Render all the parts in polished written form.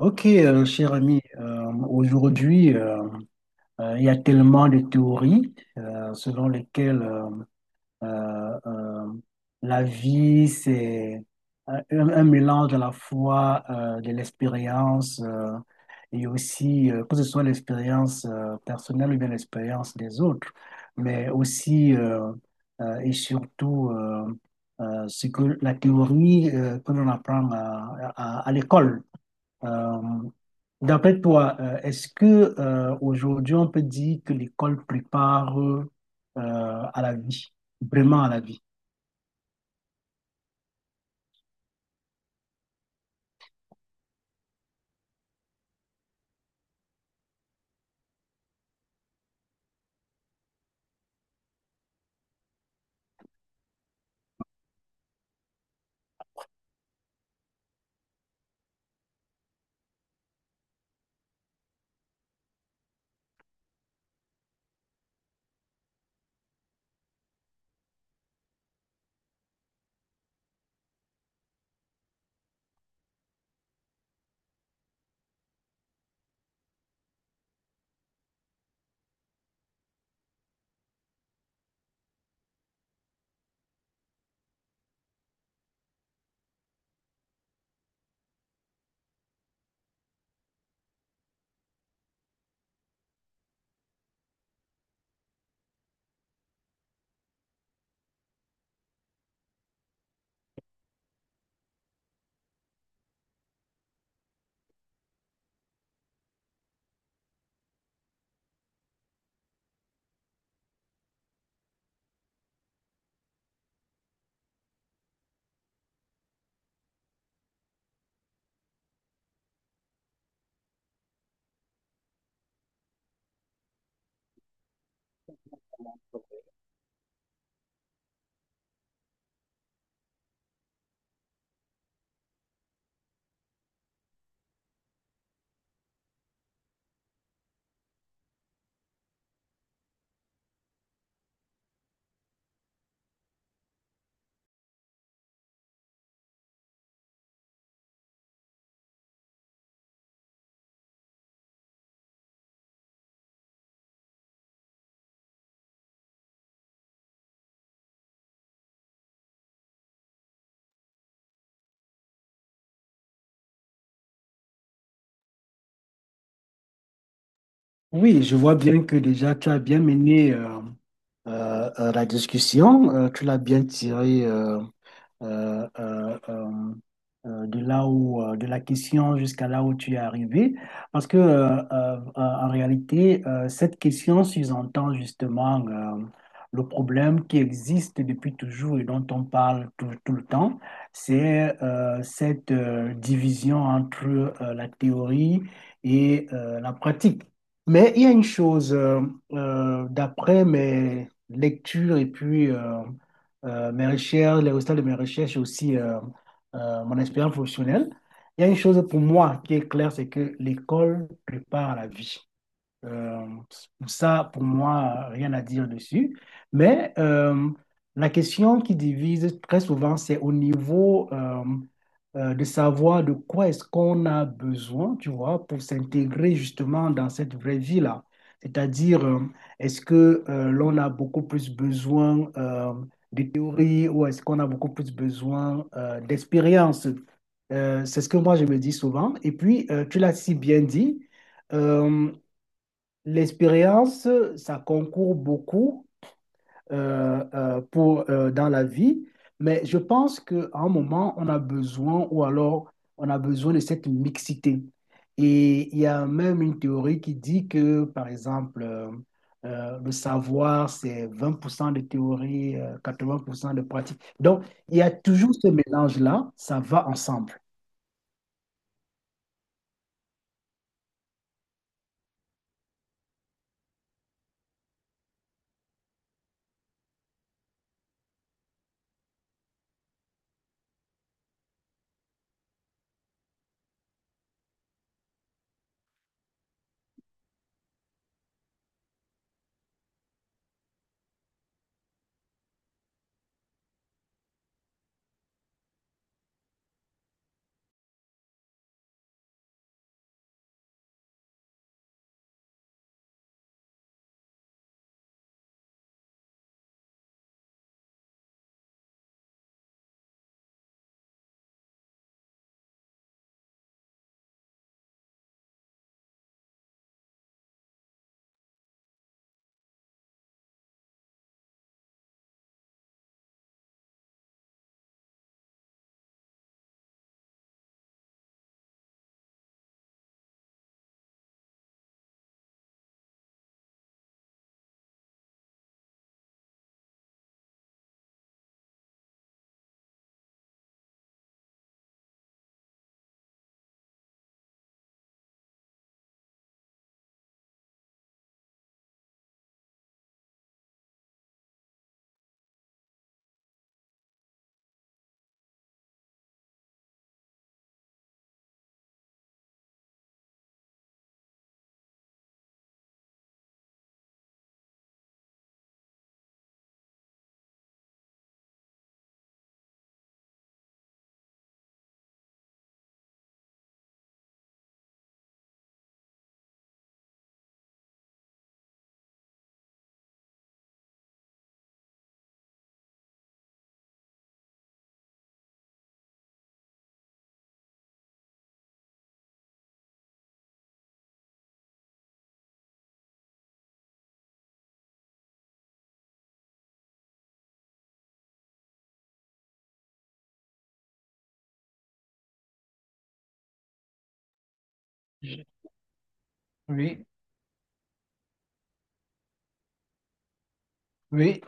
Ok, cher ami, aujourd'hui, il y a tellement de théories selon lesquelles euh, euh, la vie, c'est un mélange à la fois de l'expérience et aussi, que ce soit l'expérience personnelle ou bien l'expérience des autres, mais aussi et surtout ce que la théorie que l'on apprend à l'école. Euh, D'après toi, est-ce que aujourd'hui on peut dire que l'école prépare à la vie, vraiment à la vie? Oui, je vois bien que déjà tu as bien mené la discussion, tu l'as bien tirée euh, euh, euh, de là où, de la question jusqu'à là où tu es arrivé. Parce que, en réalité, cette question sous-entend justement le problème qui existe depuis toujours et dont on parle tout le temps. C'est cette division entre la théorie et la pratique. Mais il y a une chose, d'après mes lectures et puis mes recherches, les résultats de mes recherches et aussi mon expérience professionnelle. Il y a une chose pour moi qui est claire, c'est que l'école prépare à la vie. Euh, Ça, pour moi, rien à dire dessus. Mais la question qui divise très souvent, c'est au niveau de savoir de quoi est-ce qu'on a besoin, tu vois, pour s'intégrer justement dans cette vraie vie-là. C'est-à-dire, est-ce que l'on a beaucoup plus besoin de théorie ou est-ce qu'on a beaucoup plus besoin d'expérience? C'est ce que moi je me dis souvent. Et puis, tu l'as si bien dit. Euh, L'expérience, ça concourt beaucoup pour, dans la vie, mais je pense qu'à un moment, on a besoin, ou alors on a besoin de cette mixité. Et il y a même une théorie qui dit que, par exemple, le savoir, c'est 20% de théorie, 80% de pratique. Donc, il y a toujours ce mélange-là, ça va ensemble. Oui, oui.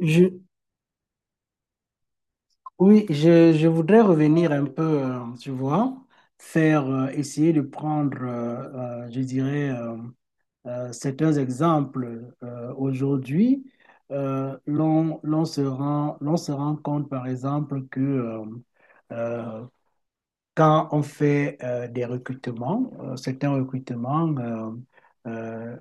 Je, Oui, je voudrais revenir un peu, tu vois, faire, essayer de prendre, je dirais, certains exemples. Aujourd'hui, l'on se rend compte, par exemple, que euh, quand on fait des recrutements, certains recrutements, euh,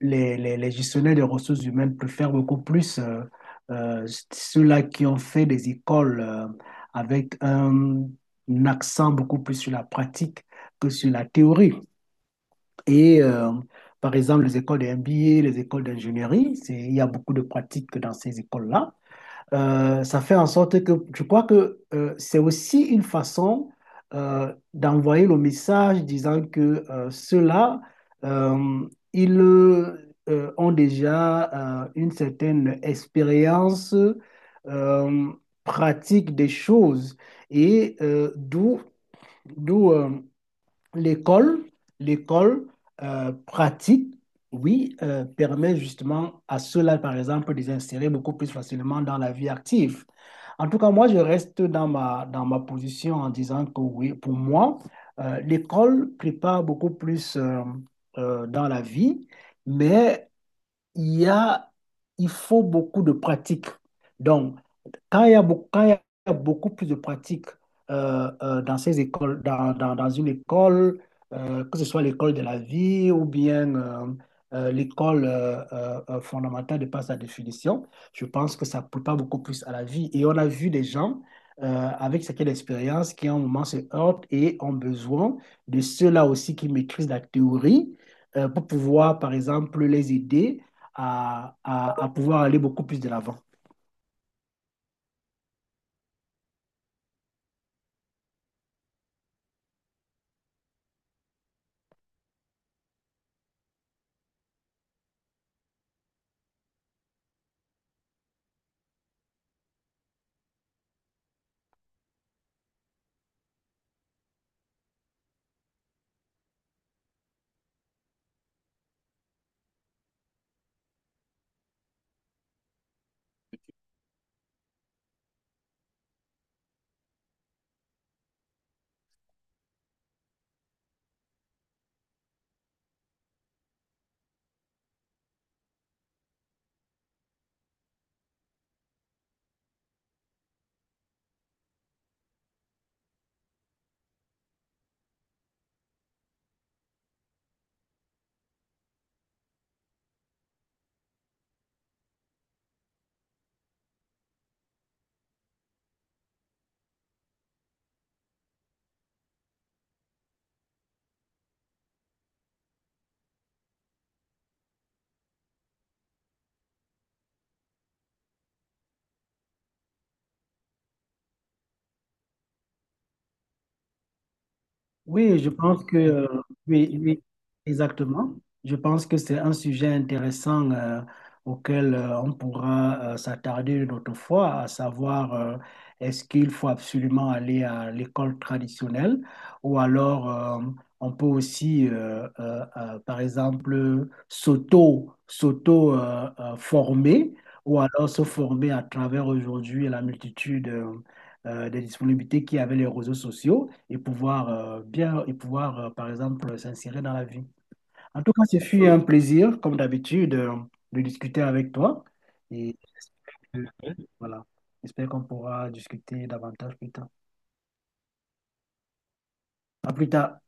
les gestionnaires des ressources humaines préfèrent beaucoup plus euh, ceux-là qui ont fait des écoles avec un accent beaucoup plus sur la pratique que sur la théorie. Et par exemple, les écoles de MBA, les écoles d'ingénierie, c'est, il y a beaucoup de pratiques dans ces écoles-là ça fait en sorte que je crois que c'est aussi une façon d'envoyer le message disant que ceux-là, euh, ils ont déjà une certaine expérience euh, pratique des choses et d'où d'où l'école, l'école pratique, oui, permet justement à ceux-là, par exemple, de s'insérer beaucoup plus facilement dans la vie active. En tout cas, moi, je reste dans dans ma position en disant que oui, pour moi, l'école prépare beaucoup plus dans la vie, mais il y a, il faut beaucoup de pratique. Donc, quand il y a beaucoup plus de pratiques dans ces écoles, dans une école, que ce soit l'école de la vie ou bien l'école fondamentale de par sa définition, je pense que ça prépare beaucoup plus à la vie. Et on a vu des gens avec certaines expériences qui, à un moment, se heurtent et ont besoin de ceux-là aussi qui maîtrisent la théorie pour pouvoir, par exemple, les aider à pouvoir aller beaucoup plus de l'avant. Oui, je pense que, oui, oui, exactement. Je pense que c'est un sujet intéressant auquel on pourra s'attarder une autre fois, à savoir est-ce qu'il faut absolument aller à l'école traditionnelle ou alors on peut aussi, par exemple, s'auto former ou alors se former à travers aujourd'hui la multitude des disponibilités qui avaient les réseaux sociaux et pouvoir par exemple s'insérer dans la vie. En tout cas, ce fut un plaisir, comme d'habitude, de discuter avec toi. Et voilà, j'espère qu'on pourra discuter davantage plus tard. À plus tard.